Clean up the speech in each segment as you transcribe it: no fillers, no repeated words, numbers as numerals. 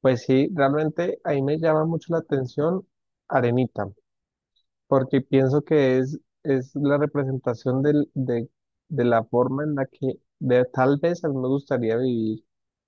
Pues sí, realmente ahí me llama mucho la atención Arenita. Porque pienso que es la representación de la forma en la que de, tal vez a mí me gustaría vivir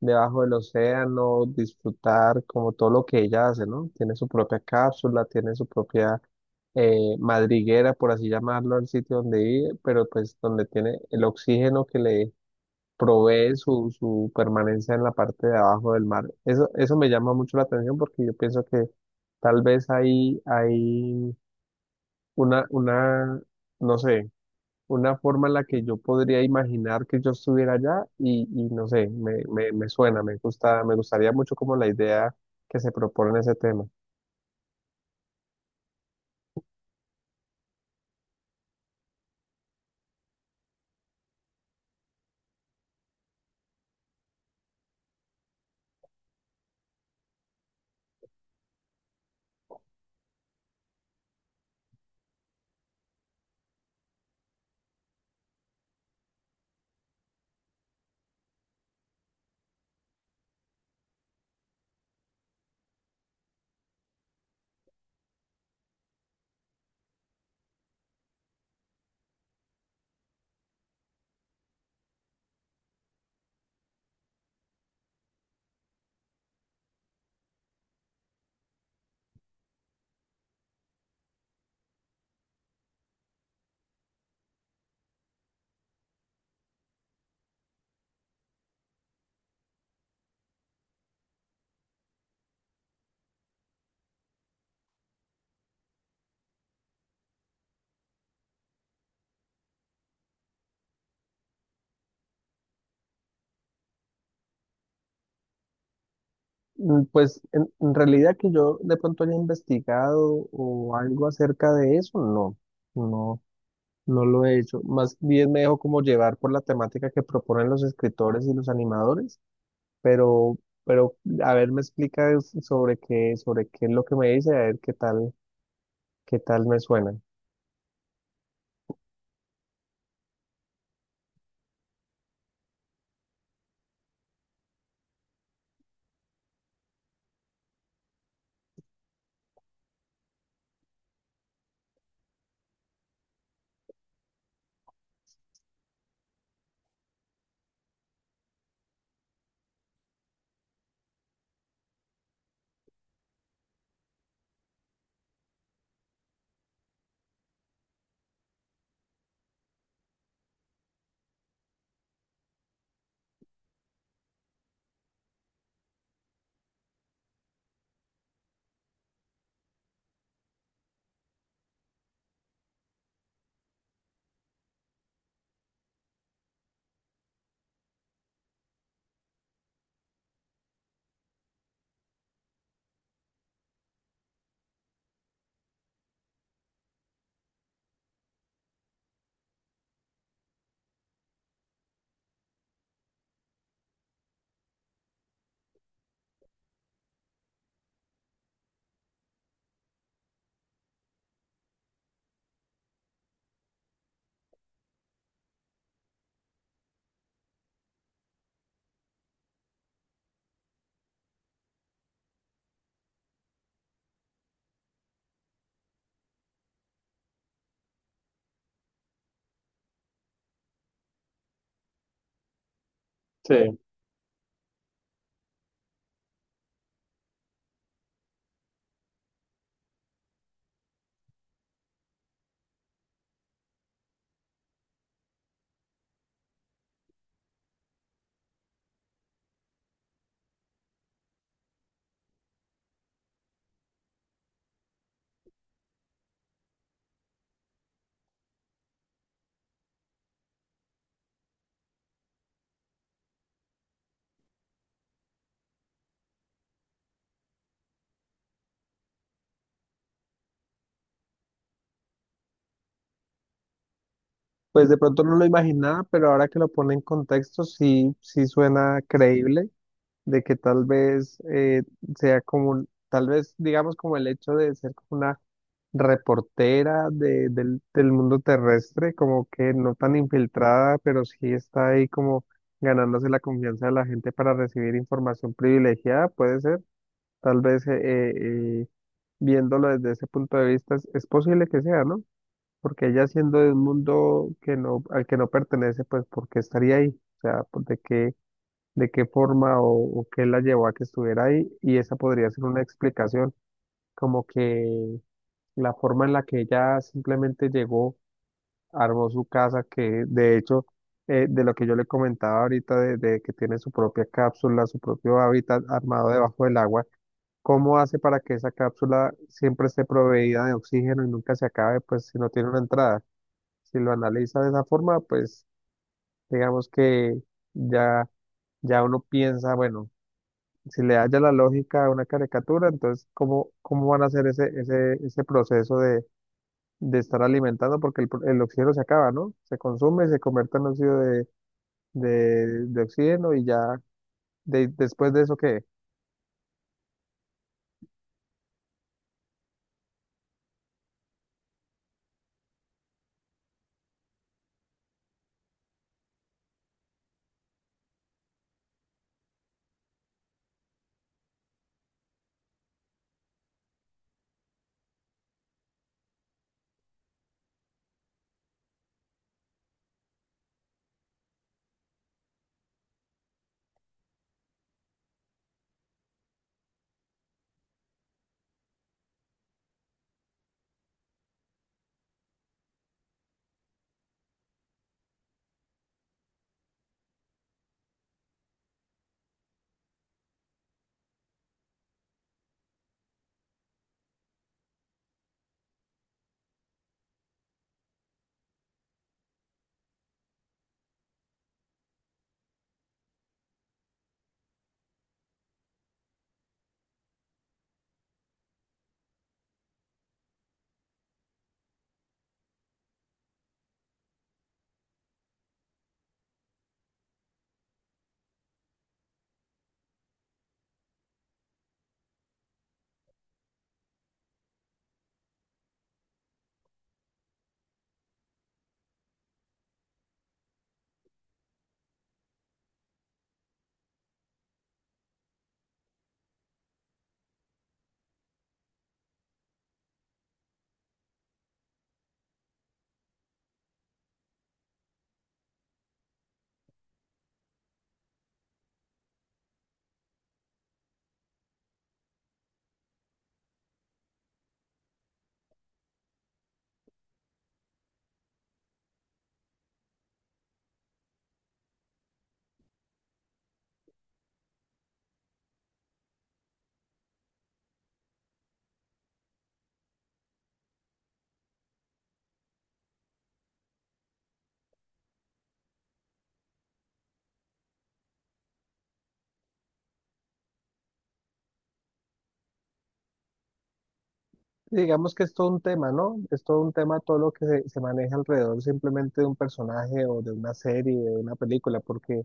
debajo del océano, disfrutar como todo lo que ella hace, ¿no? Tiene su propia cápsula, tiene su propia madriguera, por así llamarlo, al sitio donde vive, pero pues donde tiene el oxígeno que le provee su permanencia en la parte de abajo del mar. Eso me llama mucho la atención porque yo pienso que tal vez ahí, hay una, una, no sé, una forma en la que yo podría imaginar que yo estuviera allá y no sé, me suena, me gusta, me gustaría mucho como la idea que se propone en ese tema. Mm, pues en realidad que yo de pronto haya investigado o algo acerca de eso, no, no lo he hecho. Más bien me dejo como llevar por la temática que proponen los escritores y los animadores, pero, pero, a ver, me explica sobre qué es lo que me dice, a ver qué tal. ¿Qué tal me suena? Sí, pues de pronto no lo imaginaba, pero ahora que lo pone en contexto, sí, sí suena creíble de que tal vez sea como, un- tal vez digamos como el hecho de ser como una reportera de- del mundo terrestre, como que no tan infiltrada, pero sí está ahí como ganándose la confianza de la gente para recibir información privilegiada, puede ser, tal vez eh, viéndolo desde ese punto de vista, es posible que sea, ¿no? Porque ella siendo de un mundo que no, al que no pertenece, pues ¿por qué estaría ahí? O sea, pues, de qué forma o qué la llevó a que estuviera ahí? Y esa podría ser una explicación, como que la forma en la que ella simplemente llegó, armó su casa, que de hecho, de lo que yo le comentaba ahorita, de que tiene su propia cápsula, su propio hábitat armado debajo del agua. ¿Cómo hace para que esa cápsula siempre esté proveída de oxígeno y nunca se acabe, pues si no tiene una entrada? Si lo analiza de esa forma, pues digamos que ya, ya uno piensa, bueno, si le halla la lógica a una caricatura, entonces ¿cómo, cómo van a hacer ese proceso de estar alimentando? Porque el, pro- el oxígeno se acaba, ¿no? Se consume, se convierte en óxido de oxígeno y ya de- después de eso, ¿qué? Digamos que es todo un tema, ¿no? Es todo un tema todo lo que se maneja alrededor simplemente de un personaje o de una serie, de una película, porque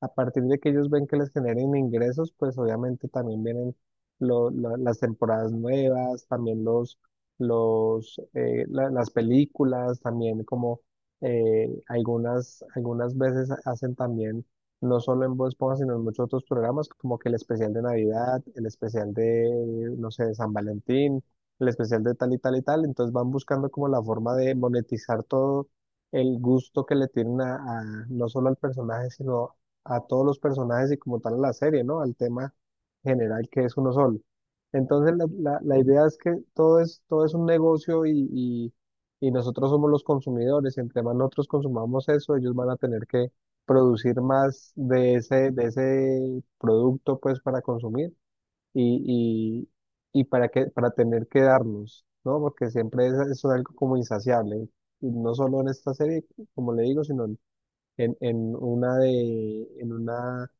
a partir de que ellos ven que les generen ingresos, pues obviamente también vienen lo- las temporadas nuevas, también las películas, también como algunas veces hacen también, no solo en Voz Esponja, sino en muchos otros programas, como que el especial de Navidad, el especial de, no sé, de San Valentín, el especial de tal y tal y tal. Entonces van buscando como la forma de monetizar todo el gusto que le tienen a- no solo al personaje, sino a todos los personajes y como tal a la serie, ¿no? Al tema general que es uno solo. Entonces la idea es que todo es un negocio y nosotros somos los consumidores. Entre más nosotros consumamos eso, ellos van a tener que producir más de ese producto pues para consumir y, y para que, para tener que darnos, ¿no? Porque siempre es algo como insaciable, y no solo en esta serie, como le digo, sino en una de, en una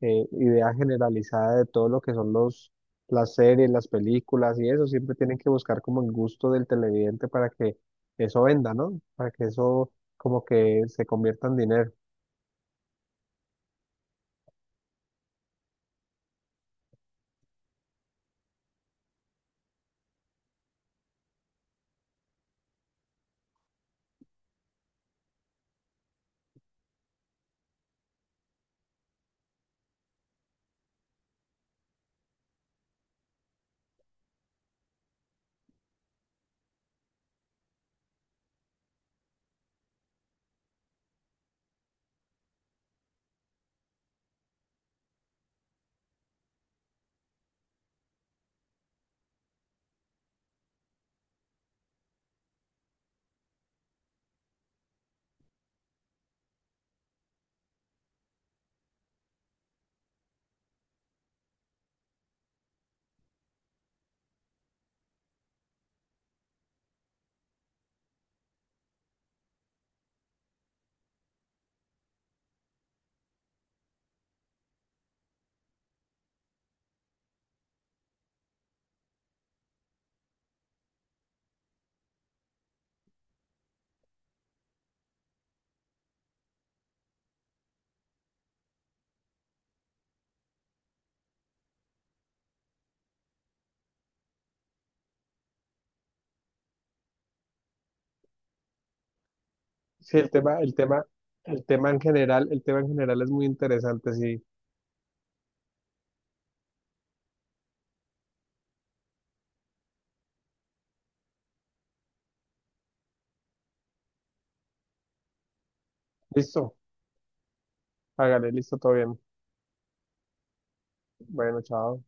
idea generalizada de todo lo que son las series, las películas y eso. Siempre tienen que buscar como el gusto del televidente para que eso venda, ¿no? Para que eso como que se convierta en dinero. Sí, el tema en general, el tema en general es muy interesante, sí. Listo. Hágale, listo, todo bien. Bueno, chao.